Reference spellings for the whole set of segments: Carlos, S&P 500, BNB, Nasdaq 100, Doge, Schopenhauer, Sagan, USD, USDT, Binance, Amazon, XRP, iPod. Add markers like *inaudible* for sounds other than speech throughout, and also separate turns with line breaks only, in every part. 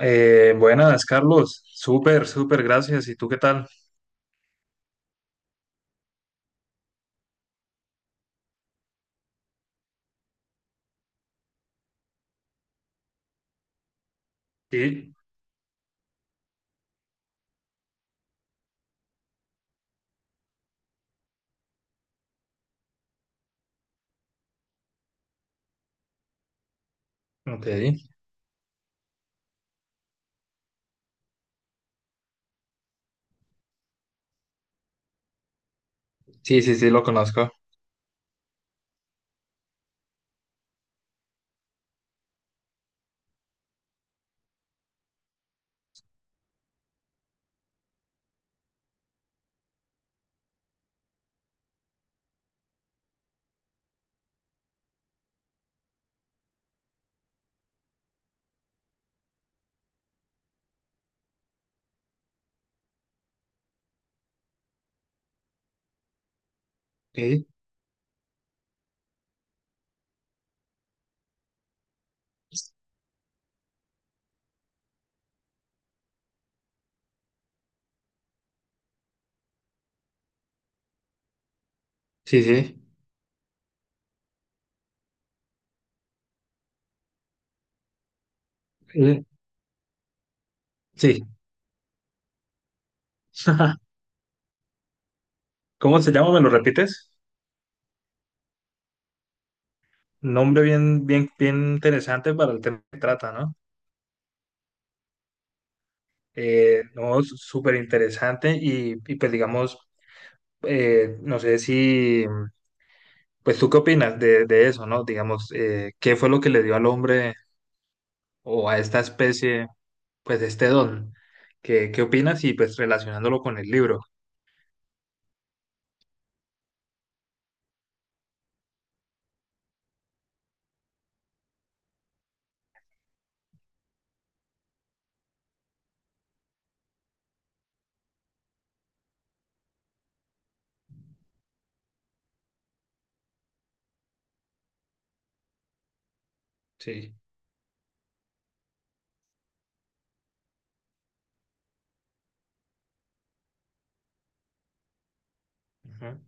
Buenas, Carlos. Súper, súper, gracias. ¿Y tú qué tal? Sí. Ok. Sí, sí, sí, lo conozco. Ok. Sí, sí. Sí. Sí. *laughs* ¿Cómo se llama? ¿Me lo repites? Nombre bien, bien, bien interesante para el tema que trata, ¿no? No, súper interesante y pues digamos, no sé si, pues tú qué opinas de eso, ¿no? Digamos, ¿qué fue lo que le dio al hombre o a esta especie, pues este don? ¿Qué, qué opinas? Y pues relacionándolo con el libro. Sí. Ujú.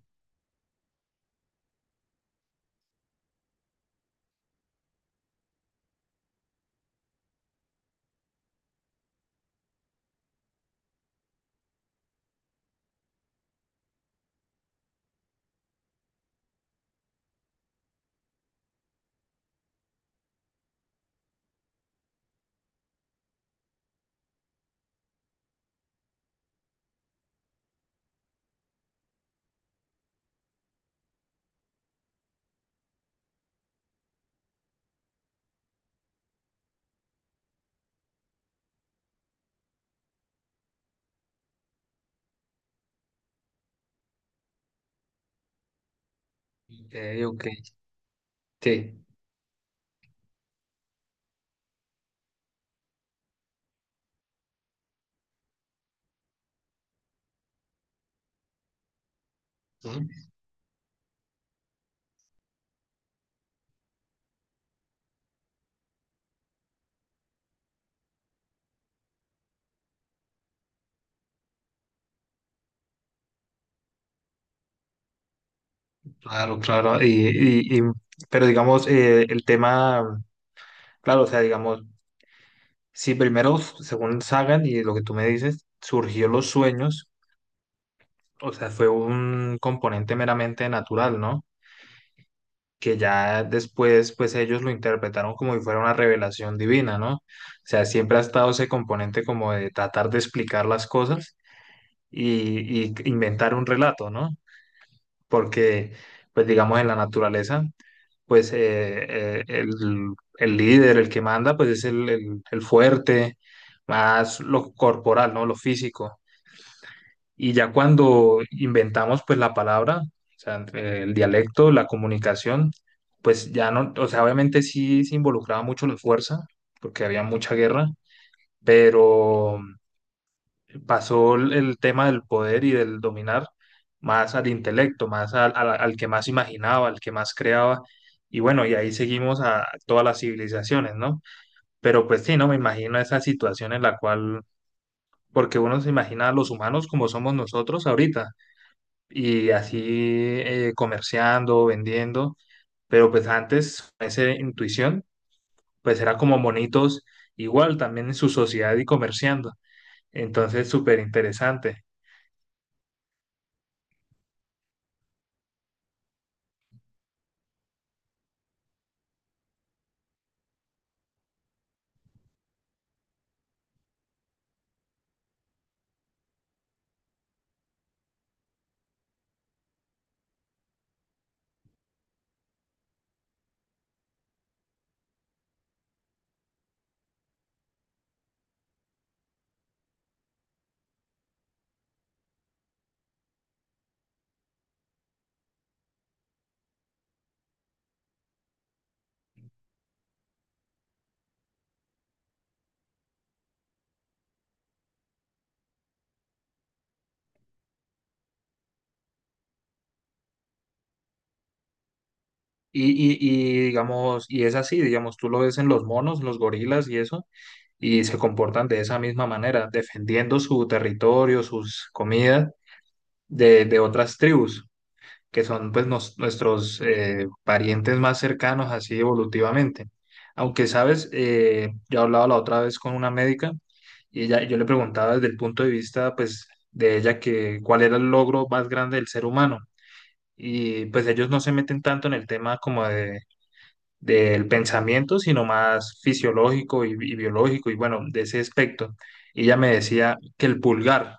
Ok, ok, sí. Ujú. Claro, claro. Pero digamos, el tema, claro, o sea, digamos, si primero, según Sagan y lo que tú me dices, surgió los sueños, o sea, fue un componente meramente natural, ¿no? Que ya después pues ellos lo interpretaron como si fuera una revelación divina, ¿no? O sea, siempre ha estado ese componente como de tratar de explicar las cosas y inventar un relato, ¿no? Porque pues digamos en la naturaleza pues el líder, el que manda pues es el fuerte, más lo corporal, ¿no? Lo físico. Y ya cuando inventamos pues la palabra, o sea, entre el dialecto, la comunicación, pues ya no, o sea, obviamente sí se involucraba mucho la fuerza, porque había mucha guerra, pero pasó el tema del poder y del dominar más al intelecto, más al, al que más imaginaba, al que más creaba. Y bueno, y ahí seguimos a todas las civilizaciones, ¿no? Pero pues sí, no me imagino esa situación en la cual, porque uno se imagina a los humanos como somos nosotros ahorita y así comerciando, vendiendo, pero pues antes esa intuición pues era como monitos igual también en su sociedad y comerciando, entonces súper interesante. Y digamos, y es así, digamos, tú lo ves en los monos, los gorilas y eso, y se comportan de esa misma manera, defendiendo su territorio, sus comidas de otras tribus, que son pues nuestros parientes más cercanos así evolutivamente. Aunque, sabes, yo hablaba la otra vez con una médica y ella, yo le preguntaba desde el punto de vista pues de ella que cuál era el logro más grande del ser humano. Y pues ellos no se meten tanto en el tema como de, del pensamiento, sino más fisiológico y biológico y bueno, de ese aspecto. Y ella me decía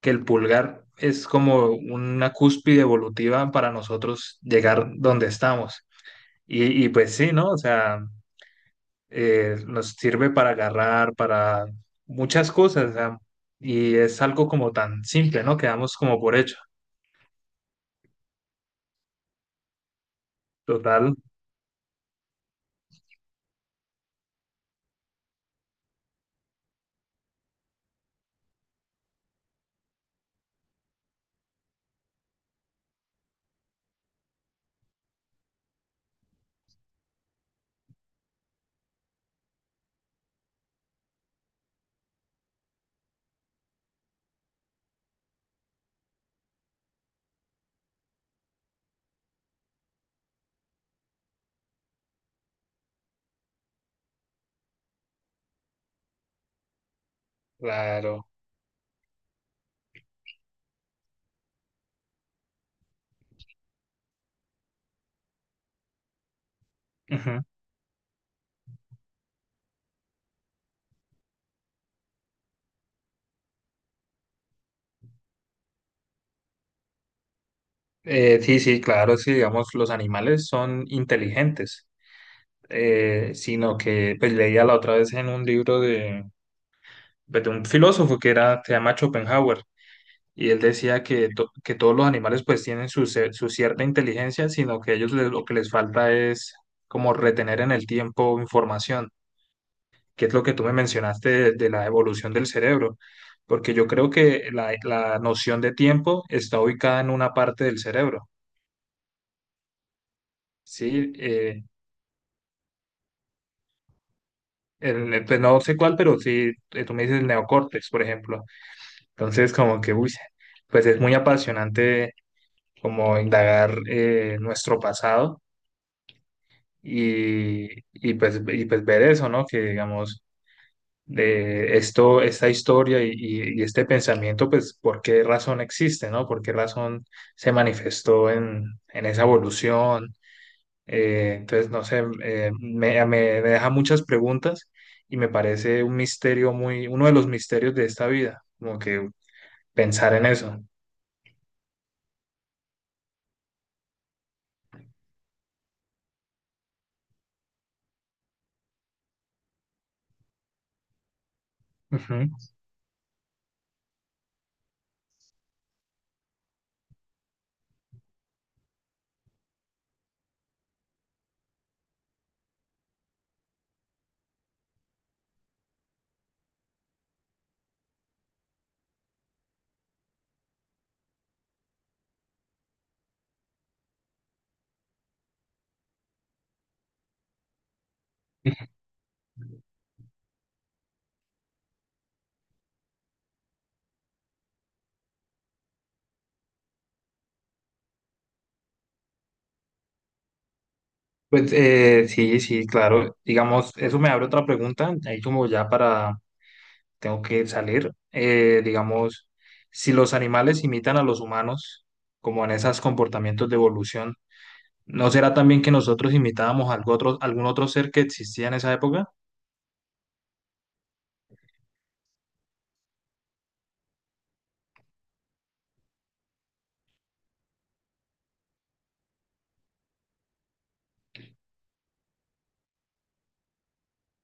que el pulgar es como una cúspide evolutiva para nosotros llegar donde estamos. Y pues sí, ¿no? O sea, nos sirve para agarrar, para muchas cosas, o sea, y es algo como tan simple, ¿no? Quedamos como por hecho. Total. Claro. Ujú. Sí, sí, claro, sí, digamos, los animales son inteligentes, sino que pues, leía la otra vez en un libro de, pues, de un filósofo que era, se llama Schopenhauer, y él decía que, que todos los animales pues tienen su, su cierta inteligencia, sino que ellos lo que les falta es como retener en el tiempo información, que es lo que tú me mencionaste de la evolución del cerebro, porque yo creo que la noción de tiempo está ubicada en una parte del cerebro, ¿sí? Pues no sé cuál, pero sí, tú me dices el neocórtex, por ejemplo. Entonces, como que, uy, pues es muy apasionante como indagar nuestro pasado y, pues, y pues ver eso, ¿no? Que digamos, de esto, esta historia y este pensamiento, pues por qué razón existe, ¿no? ¿Por qué razón se manifestó en esa evolución? Entonces, no sé, me deja muchas preguntas y me parece un misterio muy, uno de los misterios de esta vida, como que pensar en eso. Ujú. Pues sí, sí, claro. Digamos, eso me abre otra pregunta, ahí como ya para tengo que salir. Digamos, si los animales imitan a los humanos, como en esos comportamientos de evolución, ¿no será también que nosotros imitábamos algo otro, algún otro ser que existía en esa época?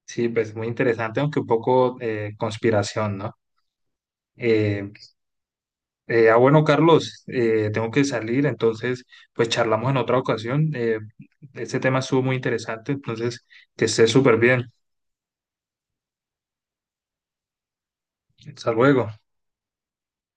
Sí, pues muy interesante, aunque un poco conspiración, ¿no? Eh, bueno, Carlos, tengo que salir, entonces, pues charlamos en otra ocasión. Este tema estuvo muy interesante, entonces, que estés súper bien. Hasta luego.